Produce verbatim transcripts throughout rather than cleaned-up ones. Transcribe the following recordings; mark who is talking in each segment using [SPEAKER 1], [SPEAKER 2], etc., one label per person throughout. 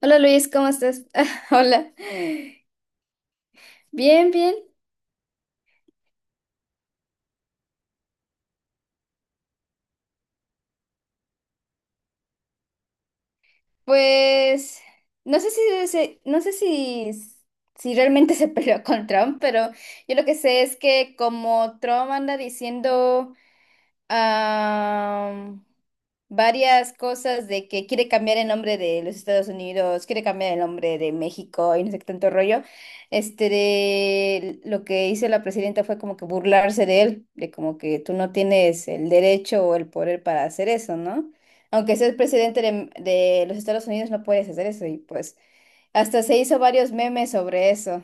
[SPEAKER 1] Hola Luis, ¿cómo estás? Hola. Bien, bien. Pues no sé si se- no sé si si realmente se peleó con Trump, pero yo lo que sé es que como Trump anda diciendo am, varias cosas de que quiere cambiar el nombre de los Estados Unidos, quiere cambiar el nombre de México y no sé qué tanto rollo. Este de lo que hizo la presidenta fue como que burlarse de él, de como que tú no tienes el derecho o el poder para hacer eso, ¿no? Aunque seas presidente de, de los Estados Unidos, no puedes hacer eso. Y pues hasta se hizo varios memes sobre eso.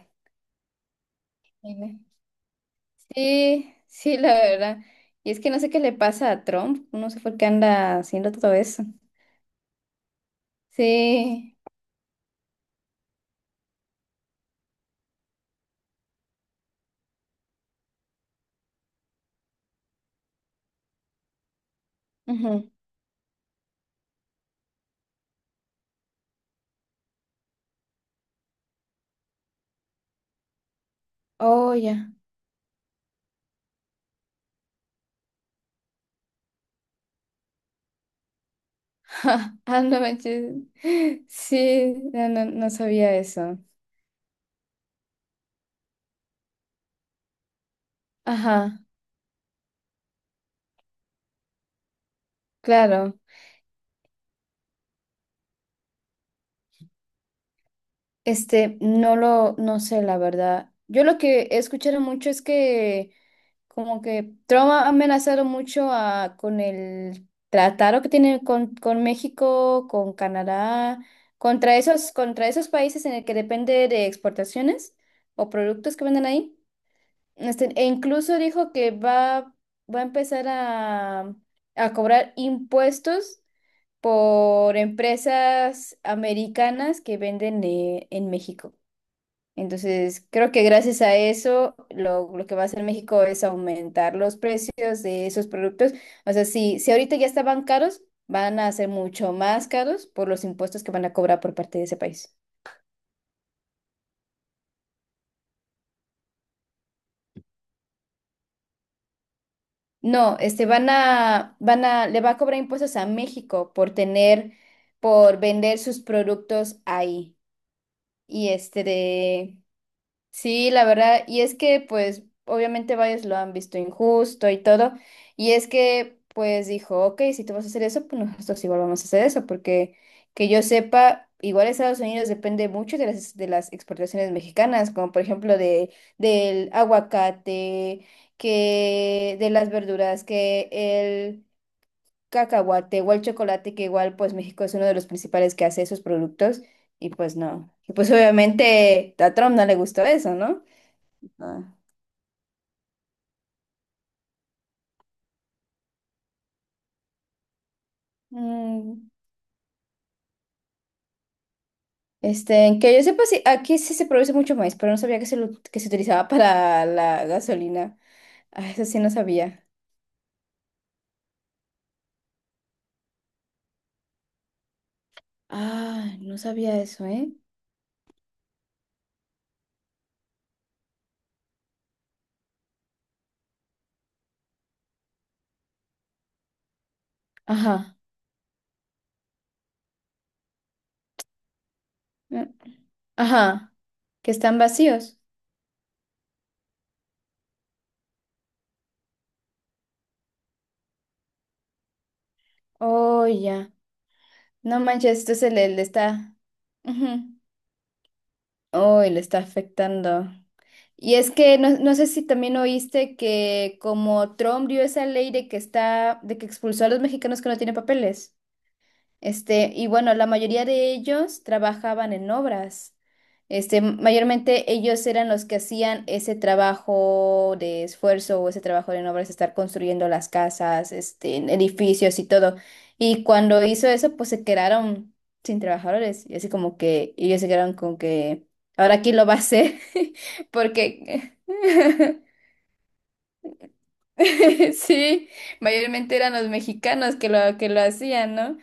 [SPEAKER 1] Sí, sí, la verdad. Y es que no sé qué le pasa a Trump, no sé por qué anda haciendo todo eso. Sí, ujú. Oh, ya. Ah, no manches. Sí, no, no, no sabía eso. Ajá, claro. Este, no lo, no sé, la verdad. Yo lo que he escuchado mucho es que como que Trump ha amenazado mucho a, con el tratado que tiene con, con México, con Canadá, contra esos, contra esos países en el que depende de exportaciones o productos que venden ahí. Este, e incluso dijo que va, va a empezar a, a cobrar impuestos por empresas americanas que venden eh, en México. Entonces, creo que gracias a eso, lo, lo que va a hacer México es aumentar los precios de esos productos. O sea, si, si ahorita ya estaban caros, van a ser mucho más caros por los impuestos que van a cobrar por parte de ese país. No, este, van a, van a, le va a cobrar impuestos a México por tener, por vender sus productos ahí. Y este de, sí, la verdad, y es que pues obviamente varios lo han visto injusto y todo, y es que pues dijo, ok, si tú vas a hacer eso, pues nosotros igual vamos a hacer eso, porque que yo sepa, igual Estados Unidos depende mucho de las, de las exportaciones mexicanas, como por ejemplo de, del aguacate, que de las verduras, que el cacahuate o el chocolate, que igual pues México es uno de los principales que hace esos productos, y pues no, y pues obviamente a Trump no le gustó eso, ¿no? Ah, mm, este, que yo sepa, sí, aquí sí se produce mucho maíz, pero no sabía que se, lo- que se utilizaba para la gasolina. Ah, eso sí no sabía. Ah, no sabía eso, ¿eh? Ajá. Mm, ajá. Que están vacíos. Oh, ya. No manches, esto se le, le está. Ujú. Oh, y le está afectando. Y es que no, no sé si también oíste que como Trump dio esa ley de que está, de que expulsó a los mexicanos que no tienen papeles. Este, y bueno, la mayoría de ellos trabajaban en obras. Este, mayormente ellos eran los que hacían ese trabajo de esfuerzo o ese trabajo en obras, estar construyendo las casas, este, edificios y todo. Y cuando hizo eso, pues se quedaron sin trabajadores. Y así como que ellos se quedaron con que ahora quién lo va a hacer, porque sí, mayormente eran los mexicanos que lo, que lo hacían, ¿no?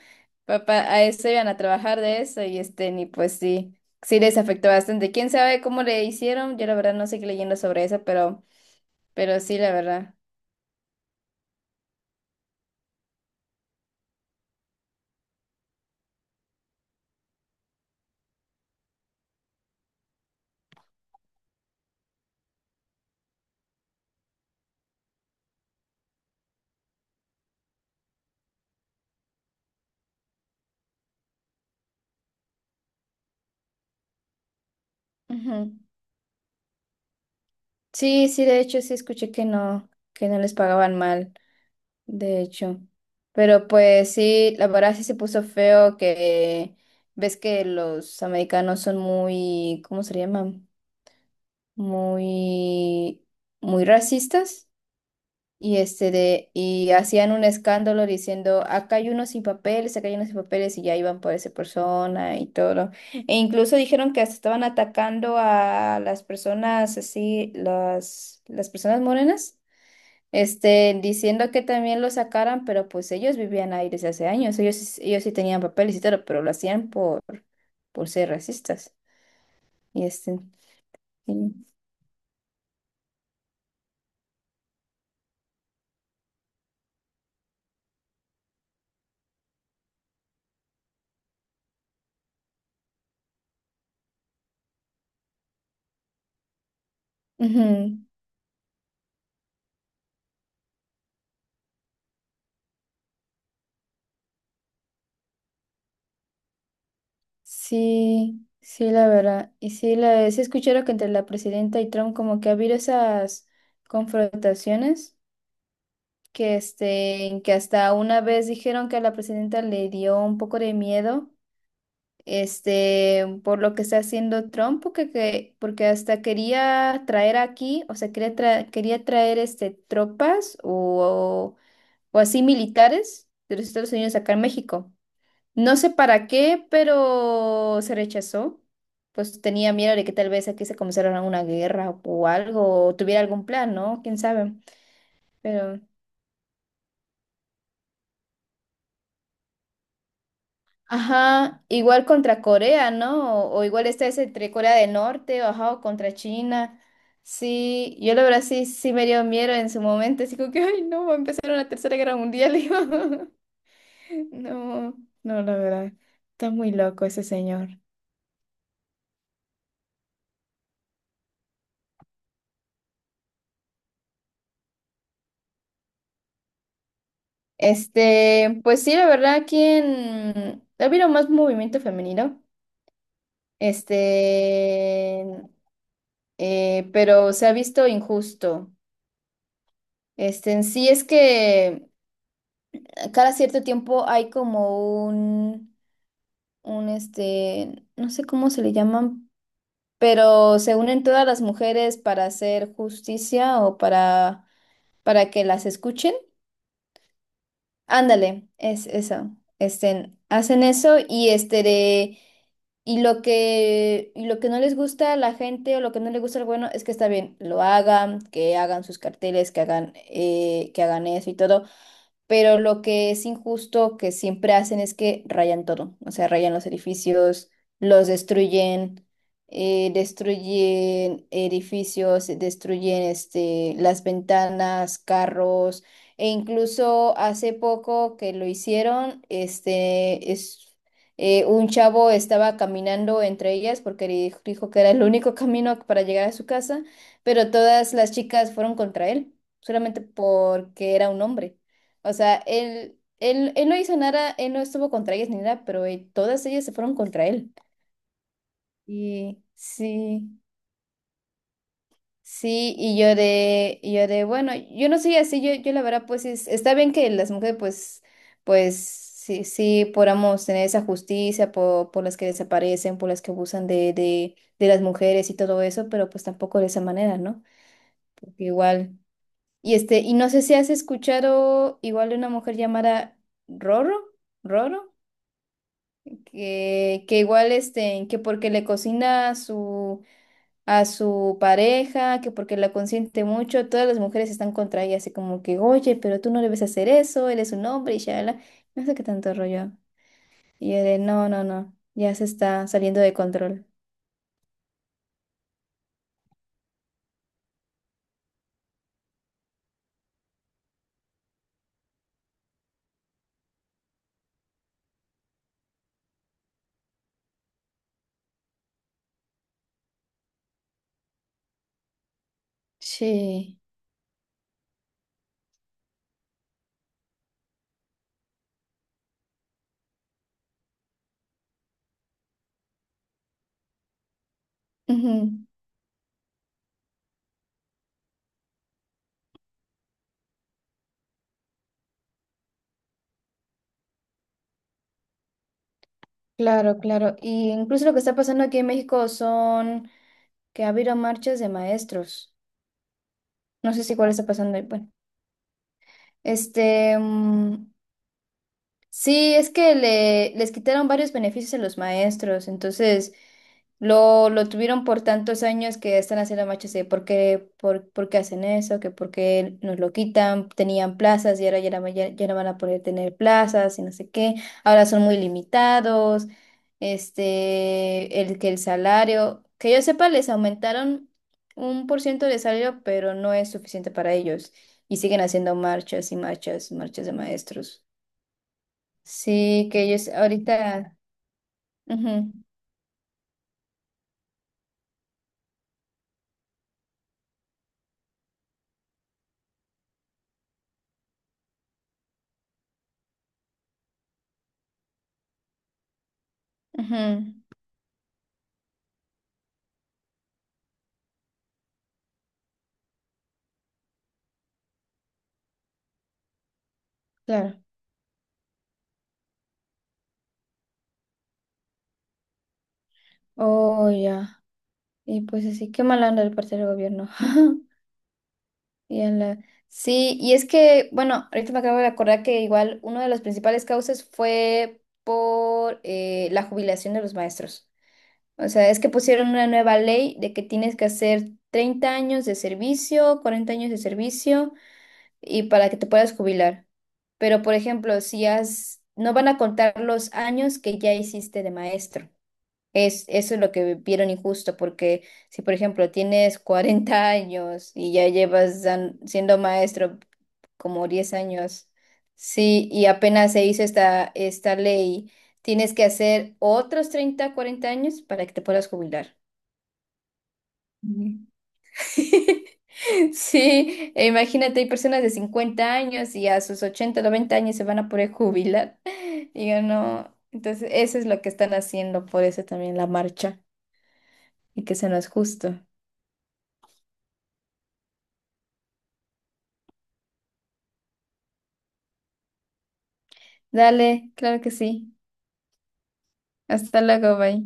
[SPEAKER 1] Papá, a eso iban a trabajar de eso y este, ni pues sí, sí les afectó bastante. ¿Quién sabe cómo le hicieron? Yo la verdad no seguí leyendo sobre eso, pero, pero sí, la verdad. Ujú. Sí, sí, de hecho sí escuché que no, que no les pagaban mal, de hecho. Pero pues sí, la verdad sí se puso feo que ves que los americanos son muy, ¿cómo se llama? Muy, muy racistas y, este de, y hacían un escándalo diciendo, acá hay unos sin papeles, acá hay unos sin papeles y ya iban por esa persona y todo. E incluso dijeron que hasta estaban atacando a las personas así, las, las personas morenas. Este, diciendo que también lo sacaran, pero pues ellos vivían ahí desde hace años, ellos, sí, ellos sí tenían papeles y todo, pero lo hacían por, por ser racistas. Y este, sí. Ujú. Sí, sí, la verdad. Y sí, la, sí escucharon que entre la presidenta y Trump como que ha habido esas confrontaciones que, este, que hasta una vez dijeron que a la presidenta le dio un poco de miedo, este, por lo que está haciendo Trump, porque, que- porque hasta quería traer aquí, o sea, quería, tra- quería traer este, tropas o, o así militares de los Estados Unidos acá en México. No sé para qué, pero se rechazó. Pues tenía miedo de que tal vez aquí se comenzara una guerra o algo, o tuviera algún plan, ¿no? ¿Quién sabe? Pero, ajá, igual contra Corea, ¿no? O, o igual está ese entre Corea del Norte, o, ajá, o contra China. Sí, yo la verdad sí, sí me dio miedo en su momento, así como que, ay, no, va a empezar una tercera guerra mundial. Y yo, no, no, la verdad, está muy loco ese señor. Este, pues sí, la verdad, aquí en... Ha habido más movimiento femenino, este, eh, pero se ha visto injusto. Este, en sí es que cada cierto tiempo hay como un, un, este, no sé cómo se le llaman, pero se unen todas las mujeres para hacer justicia o para, para que las escuchen. Ándale, es eso. Este, hacen eso y este de, y lo que y lo que no les gusta a la gente o lo que no le gusta al bueno es que está bien, lo hagan, que hagan sus carteles, que hagan eh, que hagan eso y todo, pero lo que es injusto que siempre hacen es que rayan todo, o sea, rayan los edificios, los destruyen, eh, destruyen edificios, destruyen este las ventanas, carros e incluso hace poco que lo hicieron, este es eh, un chavo estaba caminando entre ellas porque di- dijo que era el único camino para llegar a su casa, pero todas las chicas fueron contra él, solamente porque era un hombre. O sea, él, él, él no hizo nada, él no estuvo contra ellas ni nada, pero eh, todas ellas se fueron contra él. Y sí. Sí, y yo de, y yo de, bueno, yo, no soy así, yo, yo la verdad, pues es- está bien que las mujeres, pues, pues, sí, sí, podamos tener esa justicia por, por las que desaparecen, por las que abusan de, de, de las mujeres y todo eso, pero pues tampoco de esa manera, ¿no? Porque igual, y este, y no sé si has escuchado igual de una mujer llamada Roro, Roro, que, que igual, este, que porque le cocina su a su pareja, que porque la consiente mucho, todas las mujeres están contra ella, así como que, oye, pero tú no debes hacer eso, él es un hombre y ya, no sé qué tanto rollo. Y yo de, no, no, no, ya se está saliendo de control. Sí. Ujú, claro, claro. Y incluso lo que está pasando aquí en México son que ha habido marchas de maestros. No sé si cuál está pasando ahí. Bueno, este, mm, sí, es que le, les quitaron varios beneficios a los maestros, entonces lo, lo tuvieron por tantos años que están haciendo machos de por qué, por, por qué hacen eso, que por qué nos lo quitan, tenían plazas y ahora ya, no ya, ya no van a poder tener plazas y no sé qué, ahora son muy limitados, este, el que el salario, que yo sepa, les aumentaron un por ciento de salario, pero no es suficiente para ellos y siguen haciendo marchas y marchas, y marchas de maestros. Sí, que ellos ahorita. Ujú, ujú, claro. Oh, ya. Y pues así, qué mal anda el partido del gobierno. Y a la- sí, y es que, bueno, ahorita me acabo de acordar que igual una de las principales causas fue por eh, la jubilación de los maestros. O sea, es que pusieron una nueva ley de que tienes que hacer treinta años de servicio, cuarenta años de servicio y para que te puedas jubilar. Pero, por ejemplo, si has, no van a contar los años que ya hiciste de maestro. Es, eso es lo que vieron injusto, porque si, por ejemplo, tienes cuarenta años y ya llevas dan- siendo maestro como diez años, sí, y apenas se hizo esta, esta ley, tienes que hacer otros treinta cuarenta años para que te puedas jubilar. Sí, e imagínate, hay personas de cincuenta años y a sus ochenta, noventa años se van a poder jubilar. Digo, no. Entonces, eso es lo que están haciendo, por eso también la marcha y que se nos justo. Dale, claro que sí. Hasta luego, bye.